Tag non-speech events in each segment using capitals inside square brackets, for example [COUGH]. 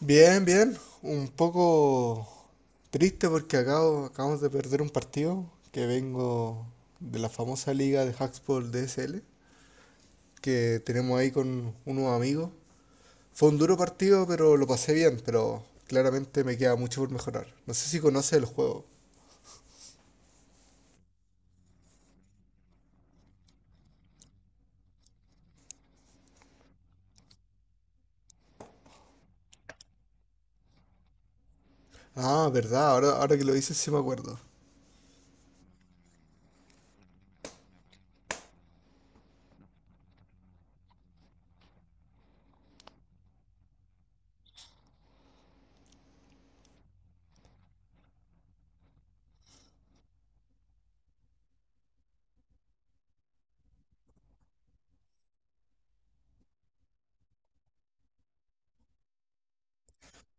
Bien, bien. Un poco triste porque acabamos de perder un partido que vengo de la famosa liga de Hacksport DSL que tenemos ahí con unos amigos. Fue un duro partido, pero lo pasé bien, pero claramente me queda mucho por mejorar. No sé si conoces el juego. Ah, verdad, ahora que lo dices sí me acuerdo.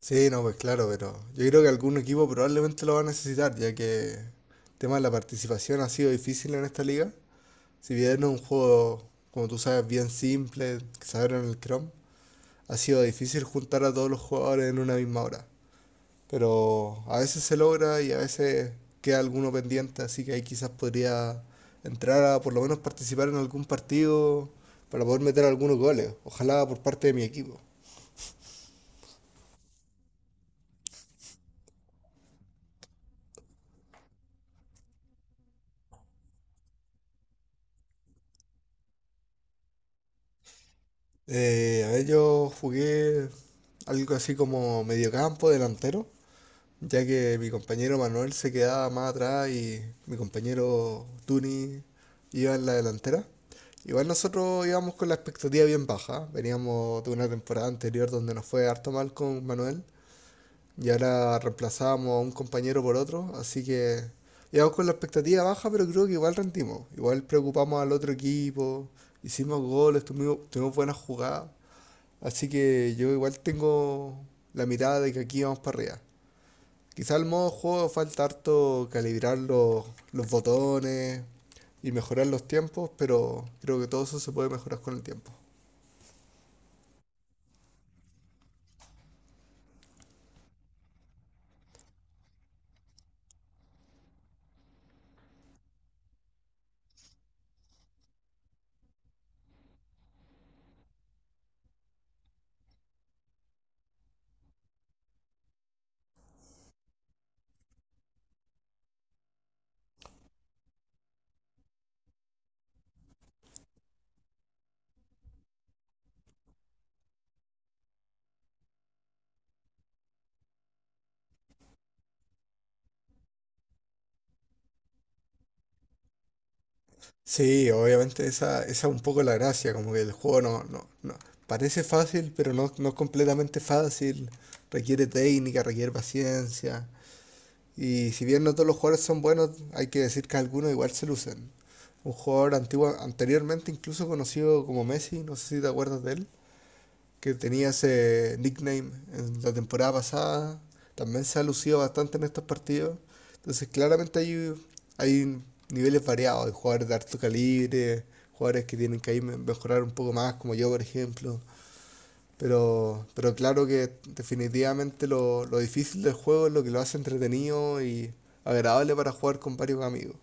Sí, no, pues claro, pero yo creo que algún equipo probablemente lo va a necesitar, ya que el tema de la participación ha sido difícil en esta liga. Si bien es un juego, como tú sabes, bien simple, que se abre en el Chrome, ha sido difícil juntar a todos los jugadores en una misma hora. Pero a veces se logra y a veces queda alguno pendiente, así que ahí quizás podría entrar a por lo menos participar en algún partido para poder meter algunos goles, ojalá por parte de mi equipo. A ver, yo jugué algo así como mediocampo, delantero, ya que mi compañero Manuel se quedaba más atrás y mi compañero Tuni iba en la delantera. Igual nosotros íbamos con la expectativa bien baja, veníamos de una temporada anterior donde nos fue harto mal con Manuel y ahora reemplazábamos a un compañero por otro, así que íbamos con la expectativa baja, pero creo que igual rendimos, igual preocupamos al otro equipo, hicimos goles, tuvimos buenas jugadas, así que yo igual tengo la mirada de que aquí vamos para arriba. Quizá el modo juego falta harto calibrar los botones y mejorar los tiempos, pero creo que todo eso se puede mejorar con el tiempo. Sí, obviamente esa es un poco la gracia, como que el juego parece fácil, pero no, no es completamente fácil, requiere técnica, requiere paciencia, y si bien no todos los jugadores son buenos, hay que decir que algunos igual se lucen. Un jugador antiguo, anteriormente incluso conocido como Messi, no sé si te acuerdas de él, que tenía ese nickname en la temporada pasada, también se ha lucido bastante en estos partidos. Entonces, claramente hay niveles variados, hay jugadores de alto calibre, jugadores que tienen que ahí mejorar un poco más, como yo, por ejemplo. Pero claro que definitivamente lo difícil del juego es lo que lo hace entretenido y agradable para jugar con varios amigos.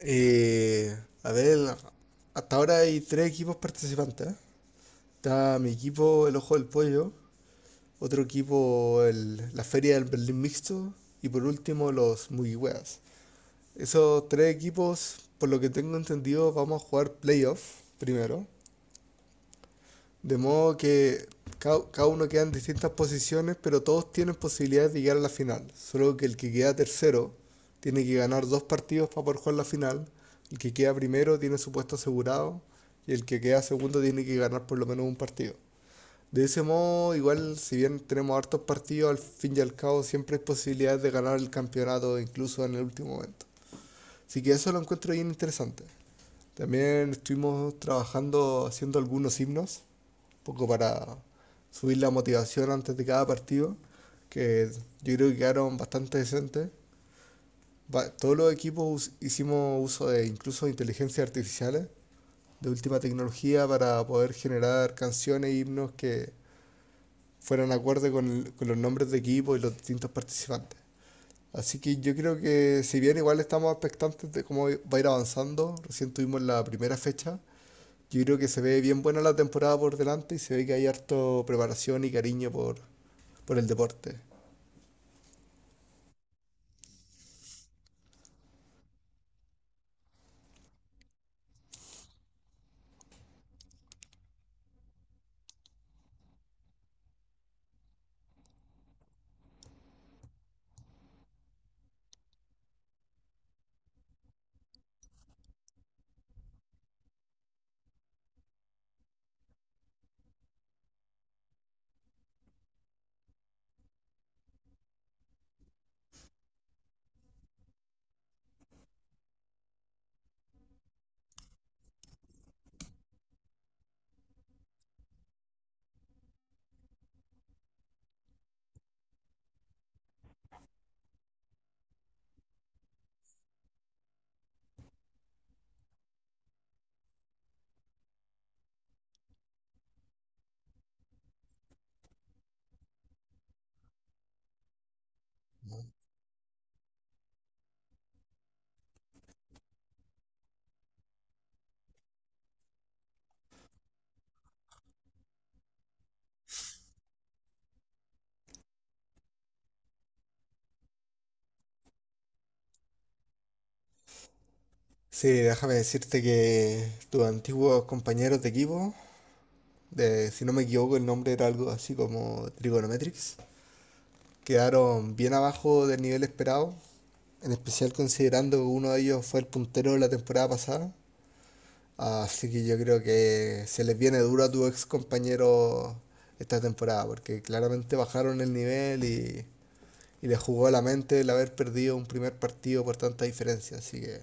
Eh, a ver, hasta ahora hay tres equipos participantes. Está mi equipo, el Ojo del Pollo, otro equipo, la Feria del Berlín Mixto. Y por último, los Mugiweas. Esos tres equipos, por lo que tengo entendido, vamos a jugar playoff primero. De modo que cada uno queda en distintas posiciones, pero todos tienen posibilidad de llegar a la final. Solo que el que queda tercero tiene que ganar dos partidos para poder jugar la final. El que queda primero tiene su puesto asegurado. Y el que queda segundo tiene que ganar por lo menos un partido. De ese modo, igual, si bien tenemos hartos partidos, al fin y al cabo siempre hay posibilidades de ganar el campeonato, incluso en el último momento. Así que eso lo encuentro bien interesante. También estuvimos trabajando, haciendo algunos himnos, un poco para subir la motivación antes de cada partido, que yo creo que quedaron bastante decentes. Todos los equipos hicimos uso de incluso inteligencias artificiales, de última tecnología, para poder generar canciones e himnos que fueran acorde con, con los nombres de equipo y los distintos participantes. Así que yo creo que si bien igual estamos expectantes de cómo va a ir avanzando, recién tuvimos la primera fecha, yo creo que se ve bien buena la temporada por delante y se ve que hay harto preparación y cariño por el deporte. Sí, déjame decirte que tus antiguos compañeros de equipo, de, si no me equivoco el nombre era algo así como Trigonometrics, quedaron bien abajo del nivel esperado. En especial considerando que uno de ellos fue el puntero de la temporada pasada. Así que yo creo que se les viene duro a tu ex compañero esta temporada, porque claramente bajaron el nivel y les jugó a la mente el haber perdido un primer partido por tanta diferencia. Así que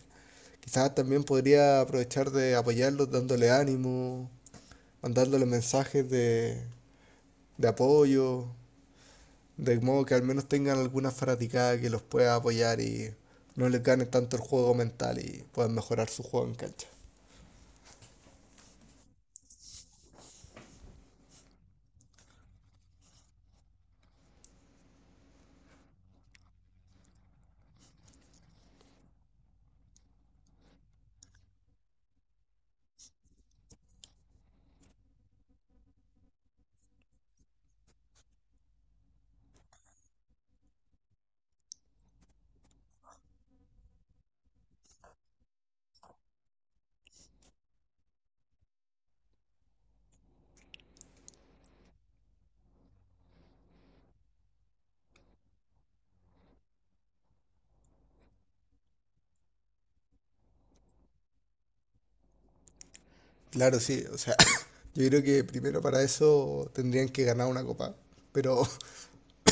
quizás también podría aprovechar de apoyarlos dándole ánimo, mandándole mensajes de apoyo. De modo que al menos tengan alguna fanaticada que los pueda apoyar y no les gane tanto el juego mental y puedan mejorar su juego en cancha. Claro, sí, o sea, [LAUGHS] [COUGHS] yo creo que primero para eso tendrían que ganar una copa, pero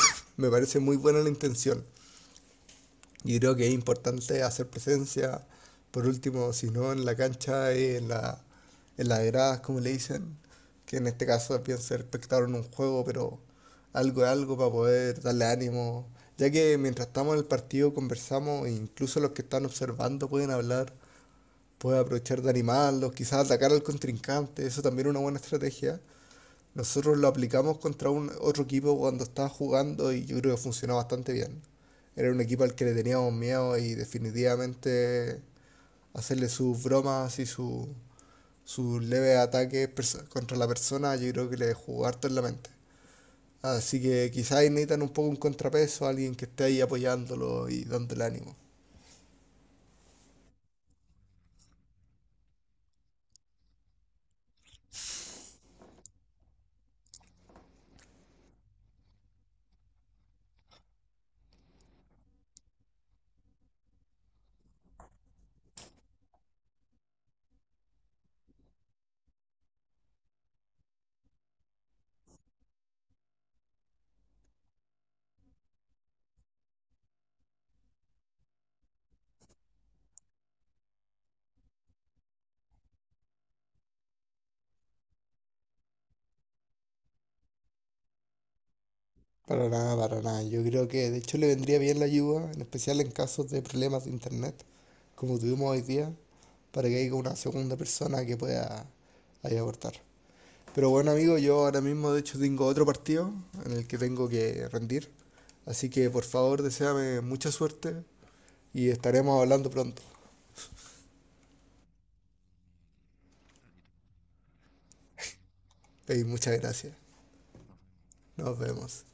[LAUGHS] me parece muy buena la intención. Yo creo que es importante hacer presencia, por último, si no en la cancha, en en las gradas, como le dicen, que en este caso pienso ser espectador en un juego, pero algo de algo para poder darle ánimo, ya que mientras estamos en el partido conversamos, e incluso los que están observando pueden hablar, pueden aprovechar de animarlos, quizás atacar al contrincante, eso también es una buena estrategia. Nosotros lo aplicamos contra un otro equipo cuando estaba jugando y yo creo que funcionó bastante bien. Era un equipo al que le teníamos miedo y definitivamente hacerle sus bromas y su leves ataques contra la persona yo creo que le jugó harto en la mente. Así que quizás necesitan un poco un contrapeso, alguien que esté ahí apoyándolo y dándole ánimo. Para nada, para nada. Yo creo que de hecho le vendría bien la ayuda, en especial en casos de problemas de internet, como tuvimos hoy día, para que haya una segunda persona que pueda ahí aportar. Pero bueno, amigo, yo ahora mismo de hecho tengo otro partido en el que tengo que rendir. Así que por favor, deséame mucha suerte y estaremos hablando pronto. Y muchas gracias. Nos vemos.